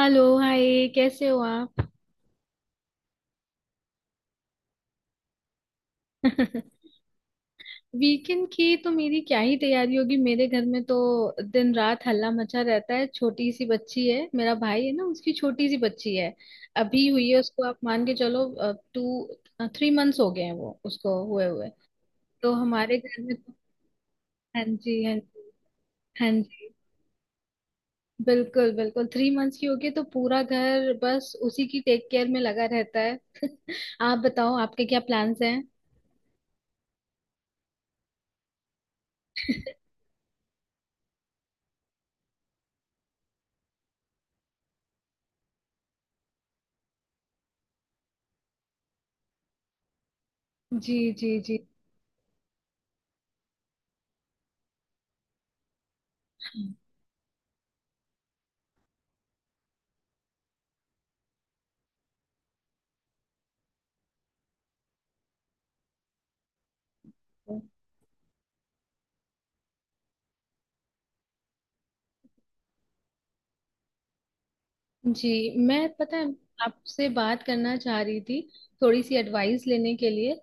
Hello hi, कैसे हो आप? वीकेंड की तो मेरी क्या ही तैयारी होगी, मेरे घर में तो दिन रात हल्ला मचा रहता है। छोटी सी बच्ची है, मेरा भाई है ना, उसकी छोटी सी बच्ची है, अभी हुई है उसको, आप मान के चलो। 2-3 मंथ्स हो गए हैं वो उसको हुए हुए। तो हमारे घर में तो। हाँ जी हाँ जी। हाँ जी। बिल्कुल बिल्कुल, 3 मंथ्स की होगी, तो पूरा घर बस उसी की टेक केयर में लगा रहता है। आप बताओ, आपके क्या प्लान्स हैं? जी जी जी जी। मैं, पता है, आपसे बात करना चाह रही थी, थोड़ी सी एडवाइस लेने के लिए।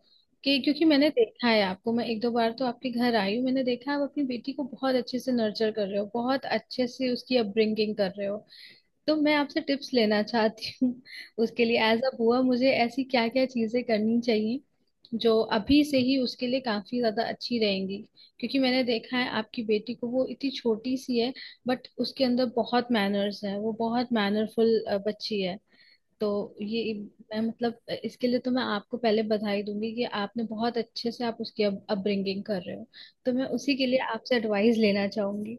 कि क्योंकि मैंने देखा है आपको, मैं एक दो बार तो आपके घर आई हूँ, मैंने देखा है आप अपनी बेटी को बहुत अच्छे से नर्चर कर रहे हो, बहुत अच्छे से उसकी अपब्रिंगिंग कर रहे हो। तो मैं आपसे टिप्स लेना चाहती हूँ। उसके लिए एज अ बुआ मुझे ऐसी क्या क्या चीजें करनी चाहिए जो अभी से ही उसके लिए काफी ज्यादा अच्छी रहेंगी। क्योंकि मैंने देखा है आपकी बेटी को, वो इतनी छोटी सी है बट उसके अंदर बहुत मैनर्स है, वो बहुत मैनरफुल बच्ची है। तो ये, मैं, मतलब, इसके लिए तो मैं आपको पहले बधाई दूंगी कि आपने बहुत अच्छे से आप उसकी अपब्रिंगिंग कर रहे हो। तो मैं उसी के लिए आपसे एडवाइस लेना चाहूंगी।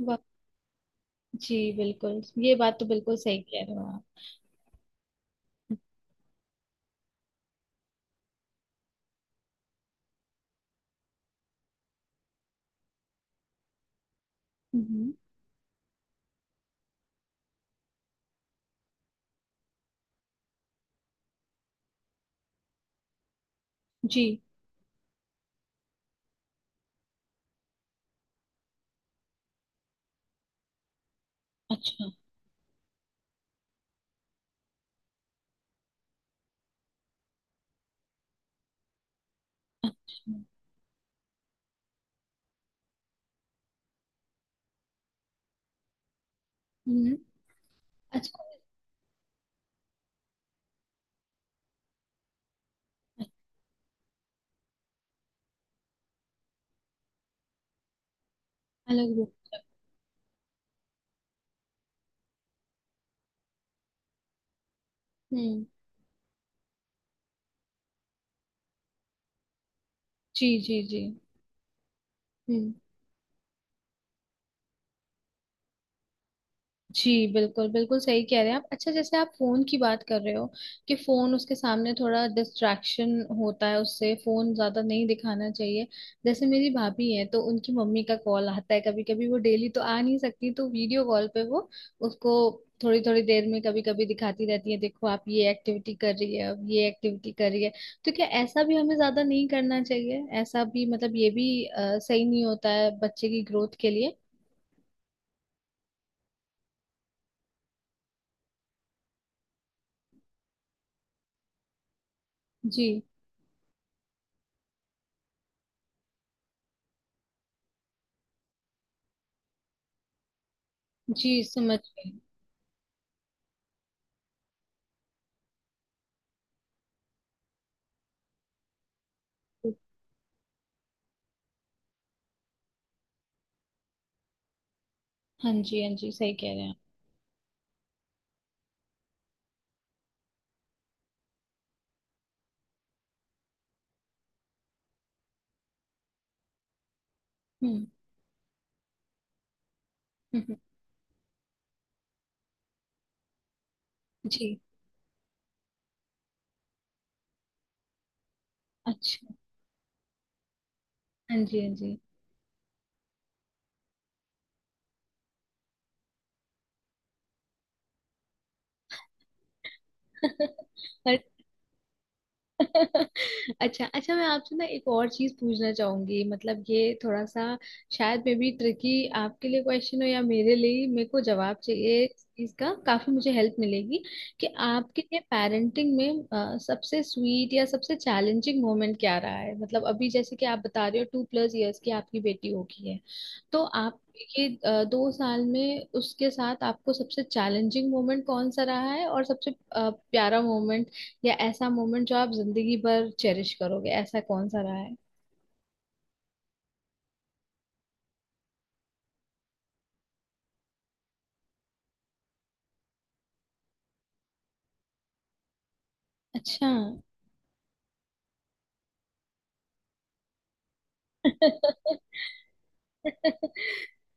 वाह! जी बिल्कुल, ये बात तो बिल्कुल सही कह रहे हो आप। हम्म। जी। अच्छा अच्छा। हम्म। अच्छा। अलग रूप। हम्म। जी जी जी। हम्म। जी बिल्कुल बिल्कुल सही कह रहे हैं आप। अच्छा, जैसे आप फोन की बात कर रहे हो कि फोन उसके सामने थोड़ा डिस्ट्रैक्शन होता है, उससे फोन ज्यादा नहीं दिखाना चाहिए। जैसे मेरी भाभी है तो उनकी मम्मी का कॉल आता है, कभी कभी, वो डेली तो आ नहीं सकती, तो वीडियो कॉल पे वो उसको थोड़ी थोड़ी देर में कभी कभी दिखाती रहती है, देखो आप ये एक्टिविटी कर रही है, अब ये एक्टिविटी कर रही है। तो क्या ऐसा भी हमें ज्यादा नहीं करना चाहिए? ऐसा भी, मतलब, ये भी सही नहीं होता है बच्चे की ग्रोथ के लिए? जी जी, समझ गई। हाँ जी हाँ जी, सही कह रहे हैं आप। हम्म। हम्म। हम्म। जी। अच्छा। हाँ जी हाँ जी। और। अच्छा अच्छा, मैं आपसे ना एक और चीज पूछना चाहूंगी, मतलब ये थोड़ा सा शायद मे बी ट्रिकी आपके लिए क्वेश्चन हो, या मेरे लिए, मेरे को जवाब चाहिए इस चीज का, काफी मुझे हेल्प मिलेगी। कि आपके लिए पेरेंटिंग में सबसे स्वीट या सबसे चैलेंजिंग मोमेंट क्या रहा है? मतलब अभी, जैसे कि आप बता रहे हो, 2+ इयर्स की आपकी बेटी होगी, है। तो आप, ये 2 साल में उसके साथ आपको सबसे चैलेंजिंग मोमेंट कौन सा रहा है, और सबसे प्यारा मोमेंट, या ऐसा मोमेंट जो आप जिंदगी भर चेरिश करोगे, ऐसा कौन सा रहा है? अच्छा।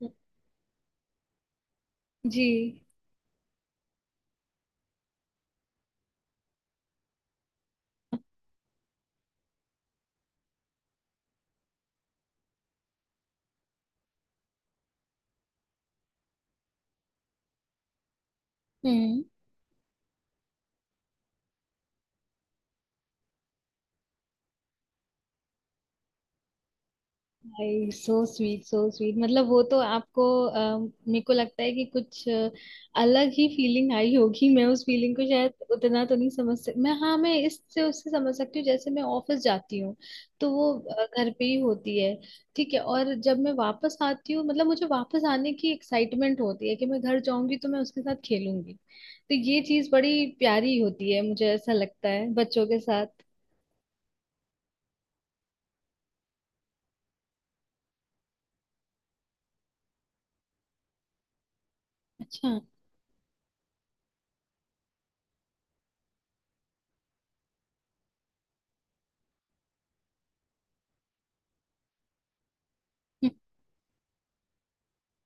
जी। Hmm. I, so sweet, so sweet! मतलब वो तो आपको मेरे को लगता है कि कुछ अलग ही फीलिंग आई होगी। मैं उस फीलिंग को शायद उतना तो नहीं समझ सकती, मैं, हाँ, मैं इससे उससे समझ सकती हूँ, जैसे मैं ऑफिस जाती हूँ तो वो घर पे ही होती है। ठीक है, और जब मैं वापस आती हूँ, मतलब मुझे वापस आने की एक्साइटमेंट होती है कि मैं घर जाऊंगी तो मैं उसके साथ खेलूंगी, तो ये चीज बड़ी प्यारी होती है, मुझे ऐसा लगता है बच्चों के साथ। अच्छा।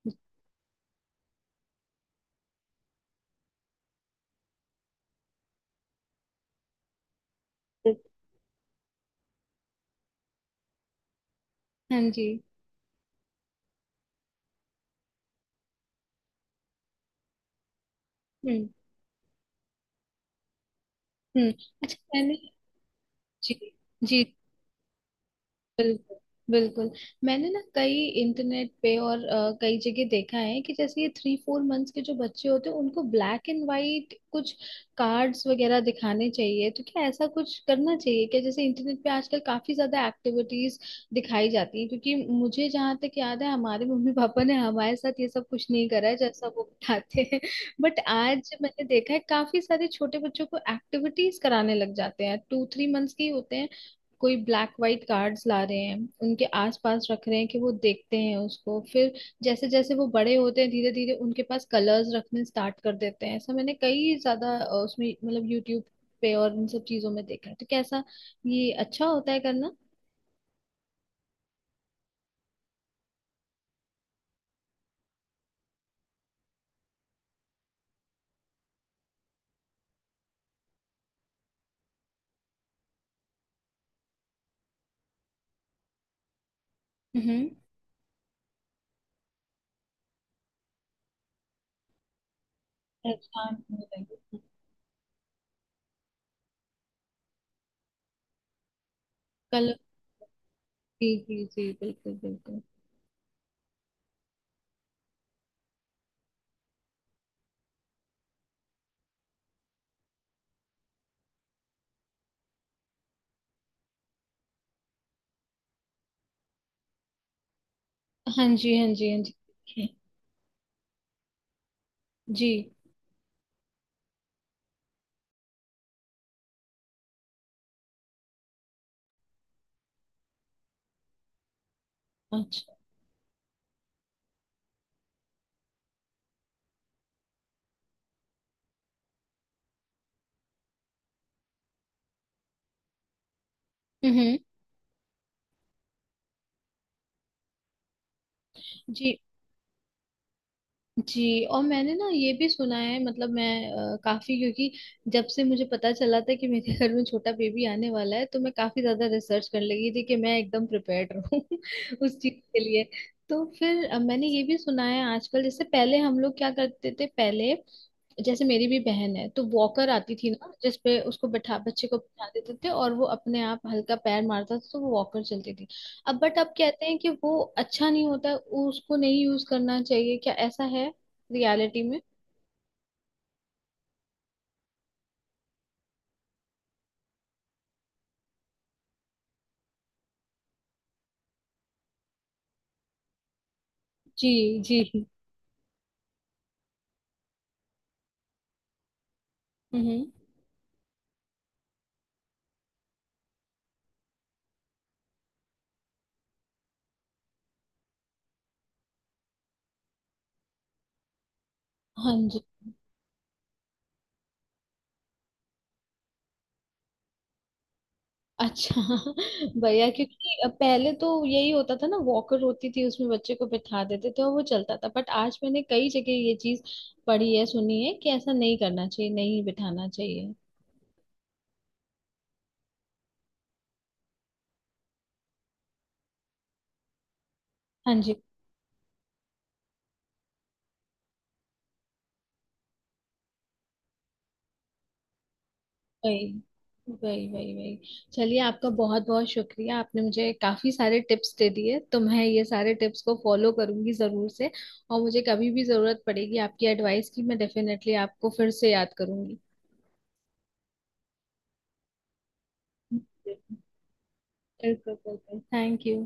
हाँ जी। हम्म हम्म। अच्छा, मैंने। जी जी, बिल्कुल बिल्कुल। मैंने ना कई, इंटरनेट पे और कई जगह देखा है कि जैसे ये 3-4 मंथ्स के जो बच्चे होते हैं उनको ब्लैक एंड वाइट कुछ कार्ड्स वगैरह दिखाने चाहिए, तो क्या ऐसा कुछ करना चाहिए क्या, जैसे इंटरनेट पे आजकल काफी ज्यादा एक्टिविटीज दिखाई जाती है, क्योंकि मुझे जहाँ तक याद है हमारे मम्मी पापा ने हमारे साथ ये सब कुछ नहीं करा है जैसा वो बताते हैं। बट आज मैंने देखा है काफी सारे छोटे बच्चों को एक्टिविटीज कराने लग जाते हैं, 2-3 मंथ्स के ही होते हैं, कोई ब्लैक वाइट कार्ड्स ला रहे हैं, उनके आसपास रख रहे हैं कि वो देखते हैं उसको। फिर जैसे जैसे वो बड़े होते हैं, धीरे धीरे उनके पास कलर्स रखने स्टार्ट कर देते हैं। ऐसा मैंने कई ज्यादा उसमें, मतलब, यूट्यूब पे और इन सब चीजों में देखा है। तो कैसा, ये अच्छा होता है करना? हम्म। पहचान हो जाएगी। कलर। जी जी जी, बिल्कुल बिल्कुल। हाँ जी हाँ जी हाँ। जी। जी। अच्छा। हम्म। जी। जी। और मैंने ना ये भी सुना है, मतलब मैं काफी, क्योंकि जब से मुझे पता चला था कि मेरे घर में छोटा बेबी आने वाला है तो मैं काफी ज्यादा रिसर्च करने लगी थी कि मैं एकदम प्रिपेयर्ड रहूं। उस चीज के लिए। तो फिर मैंने ये भी सुना है आजकल, जैसे पहले हम लोग क्या करते थे, पहले, जैसे मेरी भी बहन है, तो वॉकर आती थी ना जिसपे उसको बैठा, बच्चे को बैठा देते थे और वो अपने आप हल्का पैर मारता था तो वो वॉकर चलती थी। अब बट अब कहते हैं कि वो अच्छा नहीं होता, उसको नहीं यूज करना चाहिए। क्या ऐसा है रियलिटी में? जी जी। हम्म। हाँ जी। अच्छा। भैया, क्योंकि पहले तो यही होता था ना, वॉकर होती थी, उसमें बच्चे को बिठा देते थे और वो चलता था, बट आज मैंने कई जगह ये चीज पढ़ी है, सुनी है, कि ऐसा नहीं करना चाहिए, नहीं बिठाना चाहिए। हाँ जी। वही वही वही वही। चलिए, आपका बहुत बहुत शुक्रिया, आपने मुझे काफी सारे टिप्स दे दिए, तो मैं ये सारे टिप्स को फॉलो करूंगी जरूर से। और मुझे कभी भी जरूरत पड़ेगी आपकी एडवाइस की, मैं डेफिनेटली आपको फिर से याद करूंगी। बिल्कुल बिल्कुल, थैंक यू।